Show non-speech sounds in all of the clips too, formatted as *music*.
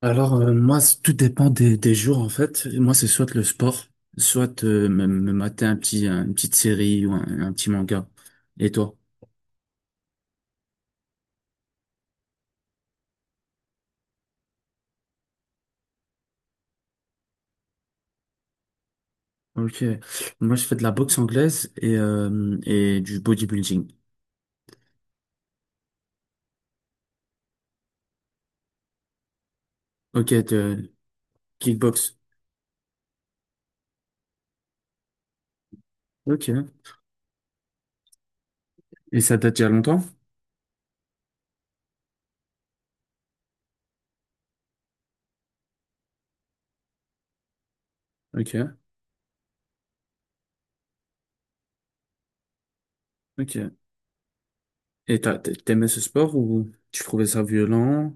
Alors, moi, tout dépend des jours, en fait. Moi, c'est soit le sport, soit me mater une petite série ou un petit manga. Et toi? Ok. Moi, je fais de la boxe anglaise et du bodybuilding. Ok, de kickbox. Ok. Et ça date d'il y a longtemps? Ok, ok. Et t'aimais ce sport ou tu trouvais ça violent?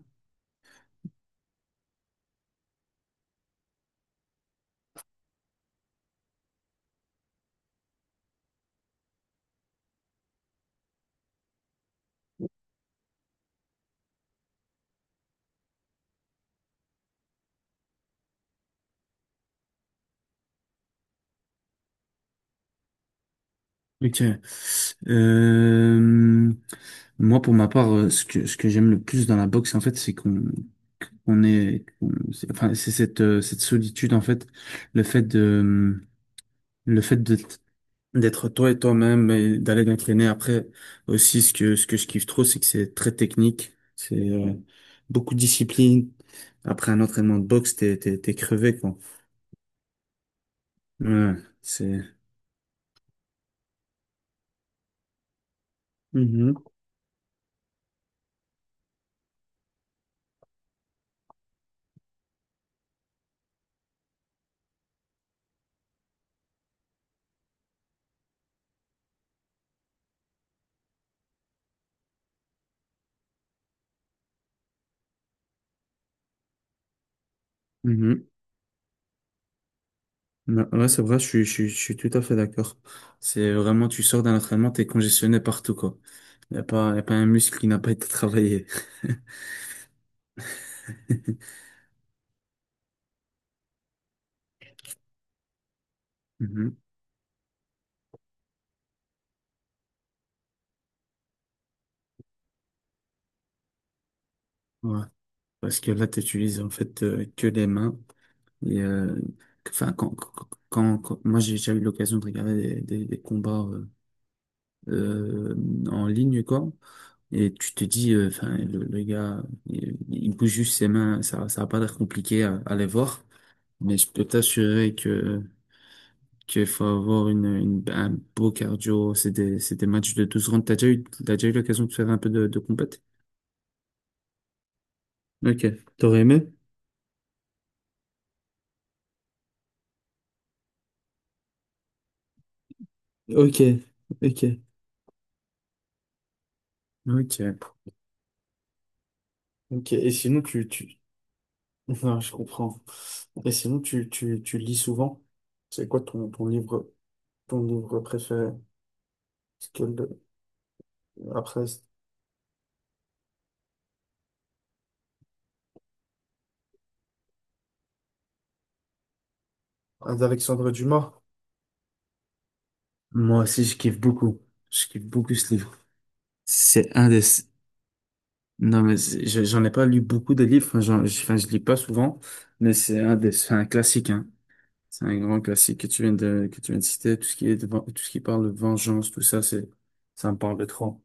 Ok. Euh, Moi, pour ma part, ce que j'aime le plus dans la boxe, en fait, c'est qu'on est, enfin, c'est cette, cette solitude, en fait, le fait de, le fait de d'être toi et toi-même et d'aller t'entraîner. Après, aussi ce que je kiffe trop, c'est que c'est très technique, c'est beaucoup de discipline. Après un entraînement de boxe, t'es crevé, quoi. Ouais c'est Mhm. Mhm. Ouais, ouais, c'est vrai, je suis tout à fait d'accord. C'est vraiment, tu sors d'un entraînement, t'es congestionné partout, quoi. Y a pas un muscle qui n'a pas été travaillé. *laughs* Mhm. Ouais. Parce que là, t'utilises en fait que les mains. Et, euh, enfin, moi, j'ai déjà eu l'occasion de regarder des combats euh, en ligne, quoi. Et tu te dis, enfin, le gars, il bouge juste ses mains, ça va pas l'air compliqué à les voir. Mais je peux t'assurer que qu'il faut avoir un beau cardio. C'est des matchs de 12 rounds. T'as déjà eu l'occasion de faire un peu de combat. Ok. T'aurais aimé? Ok, ok, ok, ok. Et sinon, tu... *laughs* Non, je comprends. Et sinon, tu lis souvent. C'est quoi ton livre préféré? Parce que le- Après, c'est- Alexandre Dumas. Moi aussi, je kiffe beaucoup. Je kiffe beaucoup ce livre. C'est un des, Non, mais j'en ai pas lu beaucoup de livres, enfin, enfin, je lis pas souvent, mais c'est un classique, hein. C'est un grand classique que tu viens de citer. Tout ce qui est tout ce qui parle de vengeance, tout ça, ça me parle de trop.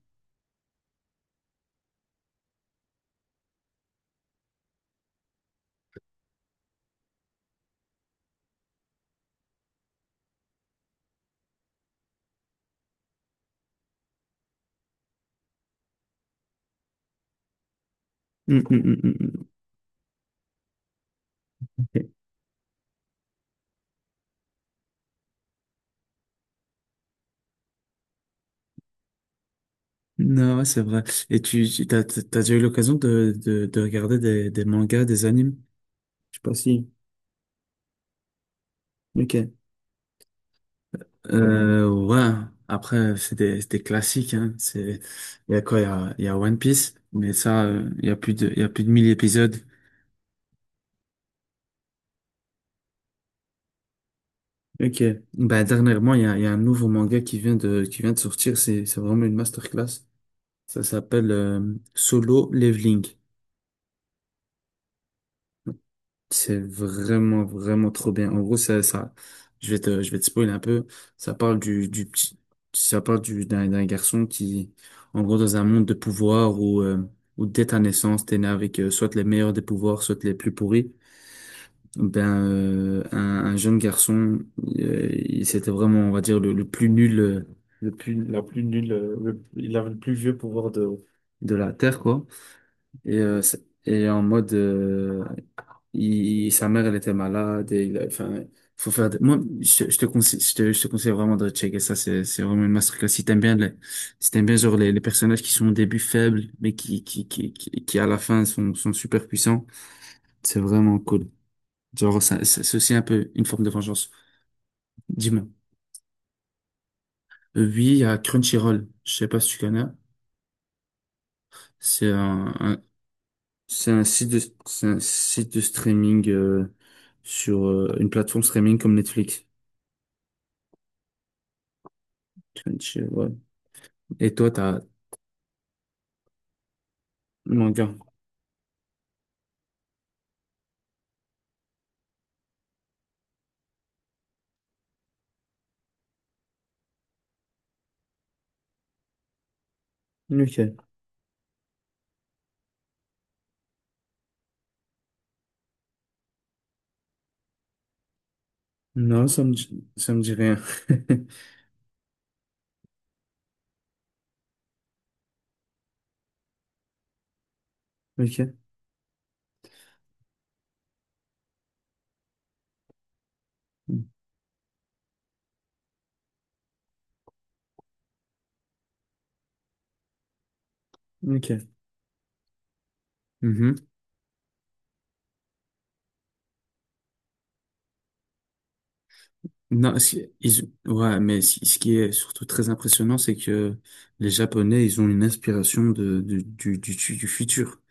Hum, hum, hum, hum, hum. Ok. Non, ouais, c'est vrai. Et t'as déjà eu l'occasion de regarder des mangas, des animes? Je sais pas si. Ok. Ouais. Après, c'est des classiques, hein. Il y a quoi? Il y a One Piece, mais ça, il y a plus de 1 000 épisodes. Ok. Bah, dernièrement, il y a un nouveau manga qui vient de sortir. C'est vraiment une masterclass. Ça s'appelle Solo Leveling. C'est vraiment, vraiment trop bien. En gros, je vais te spoiler un peu. Ça parle du petit, ça parle du, D'un garçon qui, en gros, dans un monde de pouvoir où dès ta naissance, t'es né avec soit les meilleurs des pouvoirs, soit les plus pourris. Ben, un jeune garçon, c'était vraiment, on va dire, le plus nul, le plus, la plus nulle, le- il avait le plus vieux pouvoir de la Terre, quoi. Et, euh, ça- et en mode, sa mère, elle était malade, enfin, Moi, je te conseille vraiment de checker ça, c'est vraiment une masterclass. Si t'aimes bien, genre, les personnages qui sont au début faibles, mais qui à la fin sont super puissants, c'est vraiment cool. Genre, c'est aussi un peu une forme de vengeance. Dis-moi. Oui, il y a Crunchyroll. Je sais pas si tu connais. C'est un, un- c'est un site de, c'est un site de streaming sur une plateforme streaming comme Netflix. Crunchyroll. Et toi, t'as manga. Ok. Non, ça me dit rien. *laughs* Ok. Ok. Mhm. Non, ouais, mais ce qui est surtout très impressionnant, c'est que les Japonais, ils ont une inspiration du futur.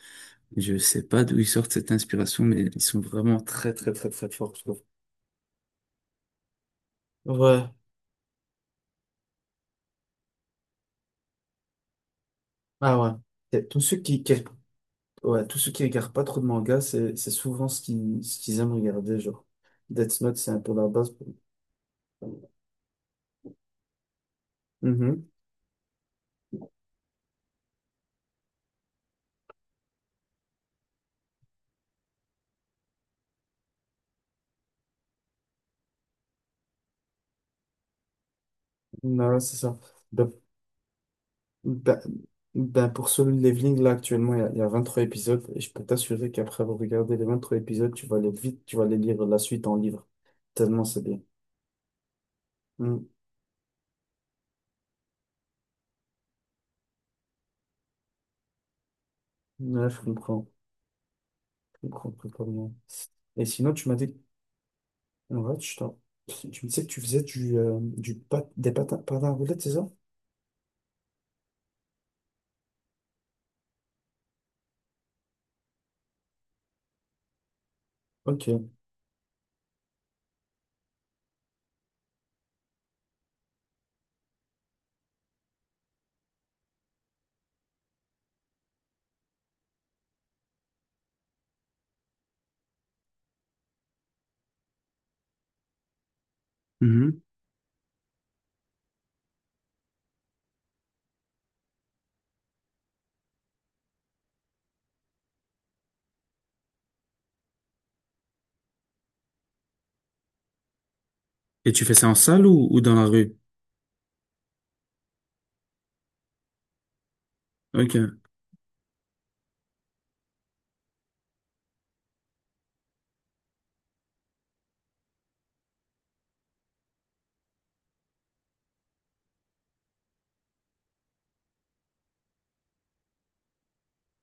Je sais pas d'où ils sortent cette inspiration, mais ils sont vraiment très, très, très, très forts, je trouve. Ouais, ah ouais. Et Tous ceux qui- Ouais, tous ceux qui regardent pas trop de mangas, c'est souvent ce qu'ils aiment regarder, genre. Death Note, c'est un peu la base. Mhm. Non, c'est ça. Ben, ben, ben, pour Solo Leveling, là, actuellement, il y a 23 épisodes, et je peux t'assurer qu'après avoir regardé les 23 épisodes, tu vas aller lire la suite en livre. Tellement c'est bien. Mhm. Ouais, je comprends. Je comprends, totalement. Et sinon, tu m'as dit que ouais, tu me disais que tu faisais des patins, patins à roulettes, c'est ça? Ok. Mhm. Et tu fais ça en salle ou dans la rue? Ok.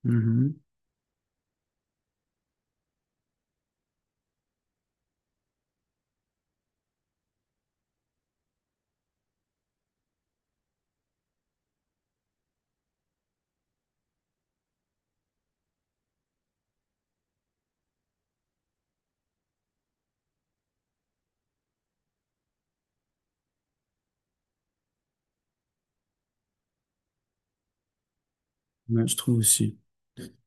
Mhm. Ouais, je trouve aussi.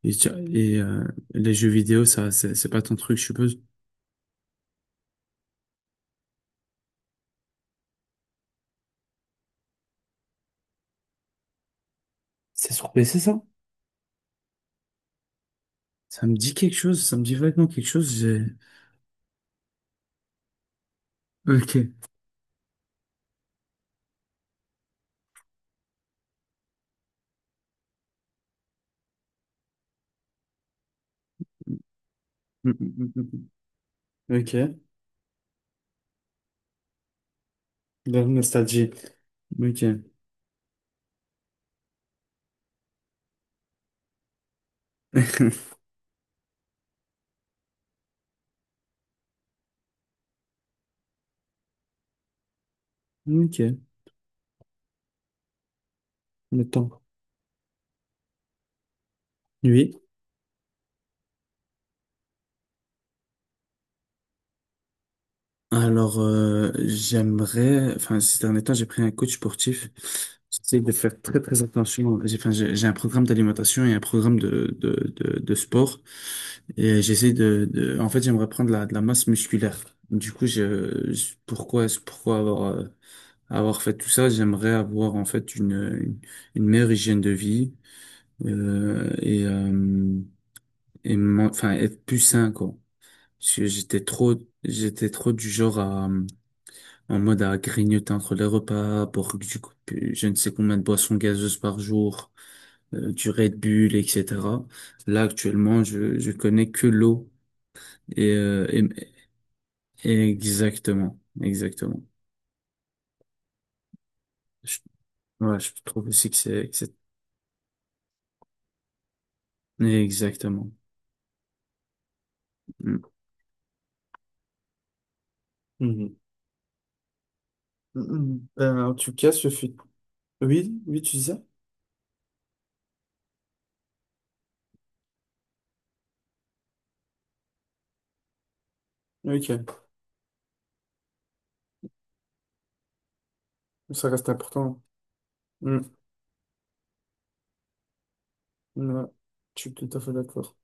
Et, tu- et, euh, les jeux vidéo, ça, c'est pas ton truc, je suppose. C'est sur PC, ça? Ça me dit quelque chose, ça me dit vaguement quelque chose. Ok. Mm, mm, mm, mm. Ok. La nostalgie. Ok. *laughs* Ok. Le temps. Oui. Alors, enfin, ces derniers temps, j'ai pris un coach sportif. J'essaie de faire très, très attention. J'ai, enfin, J'ai un programme d'alimentation et un programme de sport. Et en fait, j'aimerais prendre de la masse musculaire. Du coup, pourquoi avoir, avoir fait tout ça? J'aimerais avoir, en fait, une meilleure hygiène de vie, euh, et, euh, enfin, être plus sain, quoi. Parce que j'étais trop du genre à, en mode à grignoter entre les repas, à boire du coup, je ne sais combien de boissons gazeuses par jour, du Red Bull, etc. Là, actuellement, je connais que l'eau. Et, euh, et- et exactement, exactement. Je, ouais, je trouve aussi que exactement. Mm. Mhm. Mhm. Ben, en tout cas, ce fut... Oui, oui, tu disais? Ok, ça reste important. Mhm. Ouais. Je suis tout à fait d'accord.